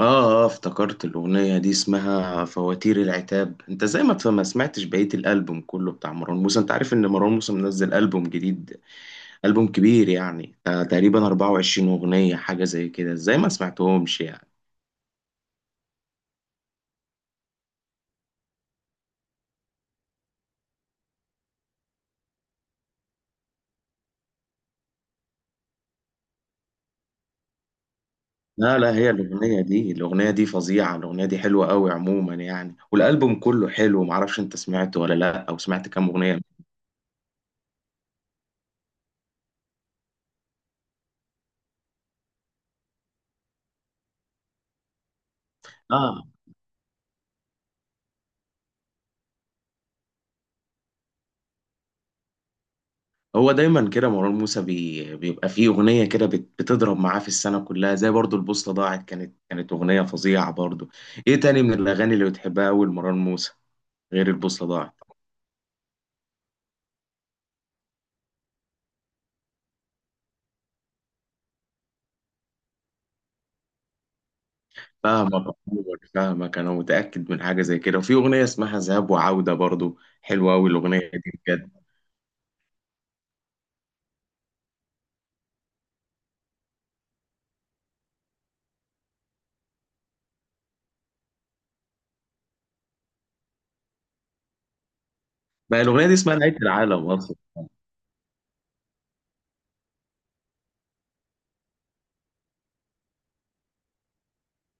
اه افتكرت الأغنية دي اسمها فواتير العتاب. انت زي ما تفهم ما سمعتش بقية الألبوم كله بتاع مروان موسى. انت عارف ان مروان موسى منزل ألبوم جديد، ألبوم كبير يعني، تقريبا 24 أغنية حاجة زي كده. ازاي ما سمعتهمش يعني؟ لا لا، هي الأغنية دي فظيعة، الأغنية دي حلوة قوي عموما يعني. والألبوم كله حلو، معرفش انت سمعته ولا لا، أو سمعت كام أغنية. اه، هو دايما كده مروان موسى، بيبقى فيه اغنيه كده بتضرب معاه في السنه كلها، زي برضو البوصله ضاعت، كانت اغنيه فظيعه برضو. ايه تاني من الاغاني اللي بتحبها اول مروان موسى غير البوصله ضاعت؟ فاهمك، انا متاكد من حاجه زي كده. وفي اغنيه اسمها ذهاب وعوده برضو، حلوه قوي الاغنيه دي بجد. ما الاغنيه دي اسمها نهايه العالم اصلا.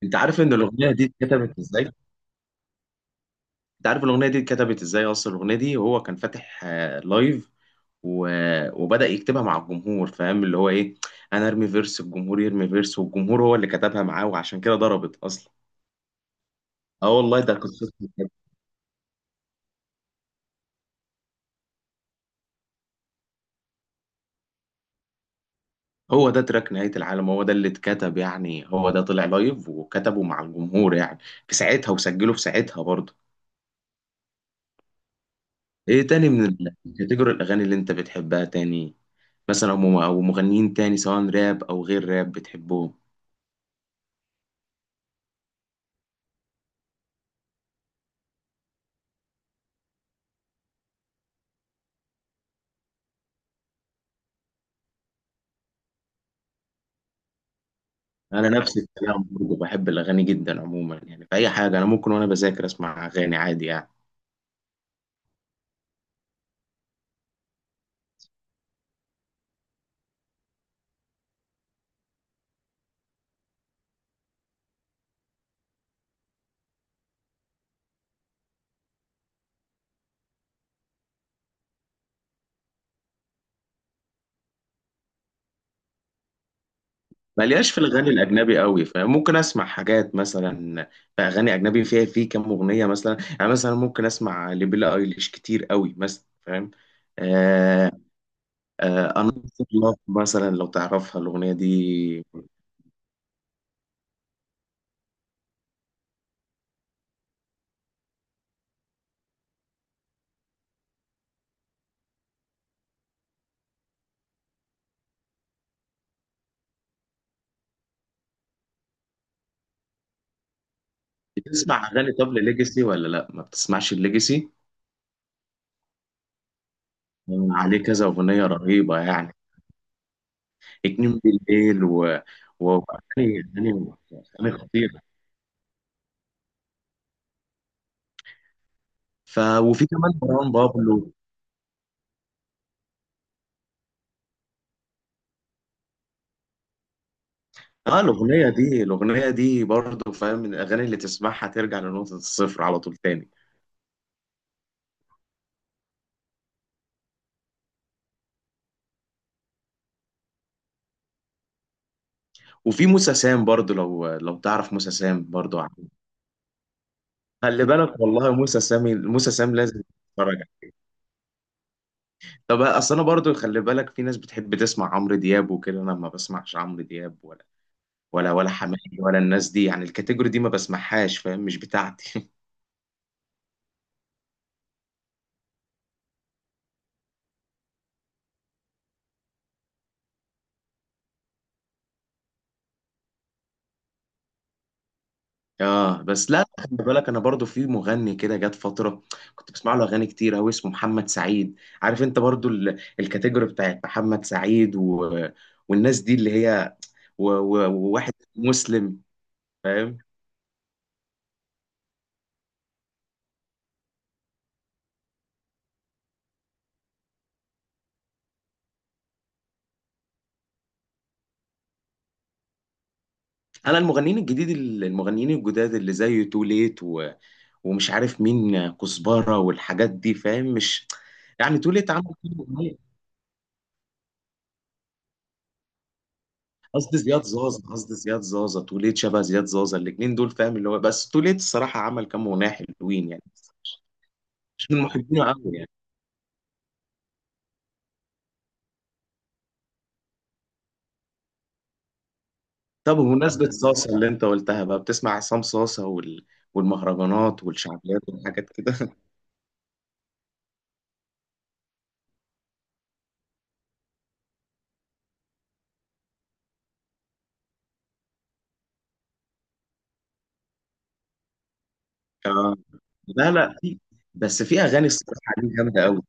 انت عارف ان الاغنيه دي اتكتبت ازاي؟ انت عارف الاغنيه دي اتكتبت ازاي اصلا الاغنيه دي هو كان فاتح لايف و... وبدأ يكتبها مع الجمهور، فاهم اللي هو ايه؟ انا ارمي فيرس، الجمهور يرمي فيرس، والجمهور هو اللي كتبها معاه، وعشان كده ضربت اصلا. اه والله ده قصته كده. هو ده تراك نهاية العالم، هو ده اللي اتكتب يعني، هو ده طلع لايف وكتبه مع الجمهور يعني في ساعتها، وسجله في ساعتها برضه. ايه تاني من الكاتيجوري الاغاني اللي انت بتحبها تاني؟ مثلا او مغنيين تاني سواء راب او غير راب بتحبهم؟ انا نفس الكلام برضه، بحب الاغاني جدا عموما يعني في اي حاجه. انا ممكن وانا بذاكر اسمع اغاني عادي يعني. ملياش في الغني الاجنبي قوي، فممكن اسمع حاجات مثلا. في اغاني اجنبي فيها، في كام اغنيه مثلا يعني. مثلا ممكن اسمع لبيلا ايليش كتير قوي مثلا، فاهم؟ آه انا لاف مثلا لو تعرفها الاغنيه دي. بتسمع اغاني طب لليجاسي ولا لا؟ ما بتسمعش الليجاسي، عليه كذا اغنيه رهيبه يعني. اتنين بالليل و واغاني اغاني اغاني خطيره. ف وفي كمان مروان بابلو. اه، الاغنيه دي برضه فاهم، من الاغاني اللي تسمعها ترجع لنقطه الصفر على طول تاني. وفي موسى سام برضه، لو تعرف موسى سام برضه خلي بالك والله، موسى سام لازم تتفرج عليه. طب اصل انا برضه خلي بالك، في ناس بتحب تسمع عمرو دياب وكده، انا ما بسمعش عمرو دياب ولا حماقي ولا الناس دي يعني. الكاتيجوري دي ما بسمعهاش، فاهم؟ مش بتاعتي. اه بس لا خلي بالك، انا برضو في مغني كده جت فتره كنت بسمع له اغاني كتير قوي، اسمه محمد سعيد. عارف انت برضو الكاتيجوري بتاعت محمد سعيد والناس دي اللي هي وواحد مسلم، فاهم؟ انا المغنيين الجداد اللي زي توليت ومش عارف مين، كزبره والحاجات دي فاهم، مش يعني توليت عمل كام أغنية. قصدي زياد زازا، توليت شبه زياد زازا، الاتنين دول فاهم، اللي هو بس توليت الصراحه عمل كام اغنيه حلوين يعني، مش من محبينه قوي يعني. طب بمناسبة صاصة اللي انت قلتها بقى، بتسمع عصام صاصة والمهرجانات والشعبيات والحاجات كده آه. لا لا، بس في اغاني الصراحة ليه جامدة قوي.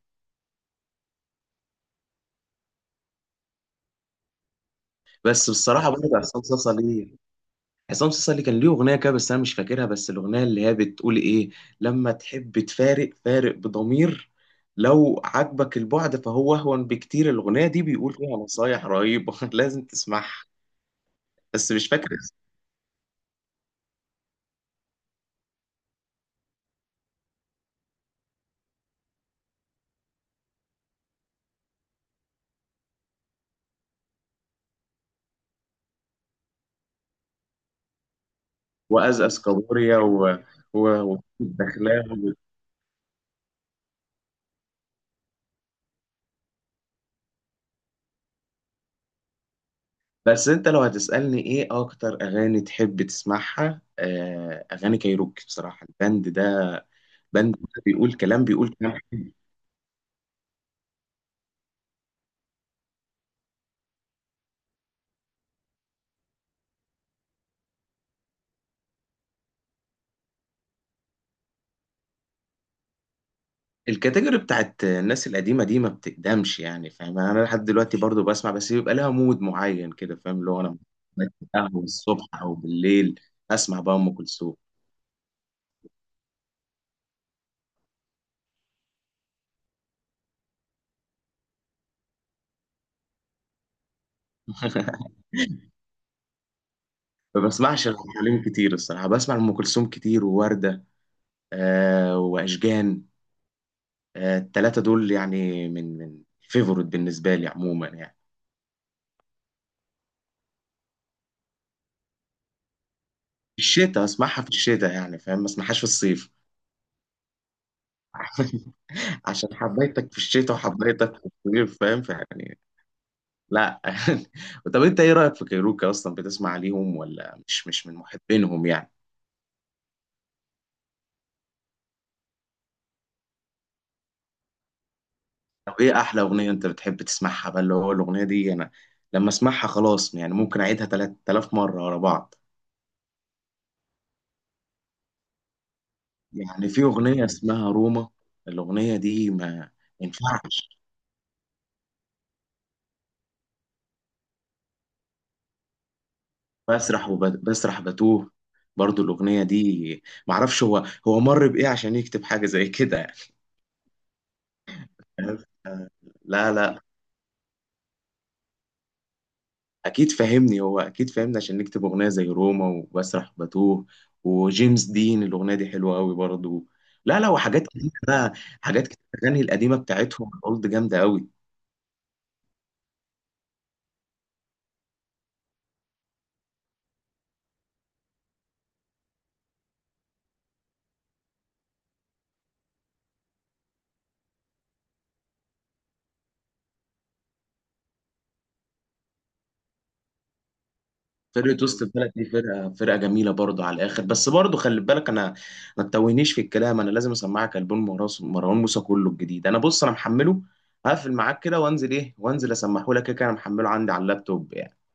بس بصراحة برضه عصام صاصة ليه، كان ليه اغنية كده بس انا مش فاكرها، بس الاغنية اللي هي بتقول ايه: لما تحب تفارق فارق بضمير، لو عجبك البعد فهو اهون بكتير. الاغنية دي بيقول فيها نصايح رهيبة لازم تسمعها. بس مش فاكر. وازقز كابوريا ودخلاوي. بس انت لو هتسألني ايه اكتر اغاني تحب تسمعها، اغاني كايروكي بصراحة. البند ده، بند ده بيقول كلام، بيقول كلام حلو. الكاتيجوري بتاعت الناس القديمة دي ما بتقدمش يعني فاهم، يعني انا لحد دلوقتي برضو بسمع، بس بيبقى لها مود معين كده فاهم، اللي هو انا قهوة الصبح او بالليل اسمع بقى ام كلثوم ما بسمعش ام كلثوم كتير الصراحه، بسمع ام كلثوم كتير وورده واشجان، التلاتة دول يعني من فيفورت بالنسبة لي عموما يعني. في الشتاء اسمعها، في الشتاء يعني فاهم، ما اسمعهاش في الصيف عشان حبيتك في الشتاء وحبيتك في الصيف، فاهم فيعني؟ لا طب انت ايه رأيك في كايروكا اصلا، بتسمع ليهم ولا مش من محبينهم يعني؟ طب ايه احلى اغنية انت بتحب تسمعها بقى، اللي هو الاغنية دي انا لما اسمعها خلاص يعني ممكن اعيدها 3000 مرة ورا بعض. يعني في اغنية اسمها روما، الاغنية دي ما ينفعش. بسرح وبسرح بتوه، برضو الأغنية دي معرفش، هو مر بإيه عشان يكتب حاجة زي كده يعني، فاهم؟ لا لا، أكيد فاهمني هو أكيد فاهمني عشان يكتب أغنية زي روما وبسرح وبتوه وجيمس دين. الأغنية دي حلوة أوي برضو. لا لا وحاجات كتير بقى، حاجات كتير، الأغاني القديمة بتاعتهم الأولد جامدة أوي. فرقة وسط البلد دي فرقة جميلة برضه على الآخر. بس برضه خلي بالك أنا، ما تتوهنيش في الكلام، أنا لازم أسمعك ألبوم مروان موسى كله الجديد. أنا بص أنا محمله، هقفل معاك كده وأنزل إيه، وأنزل أسمحه لك كده. كده أنا محمله عندي على اللابتوب يعني.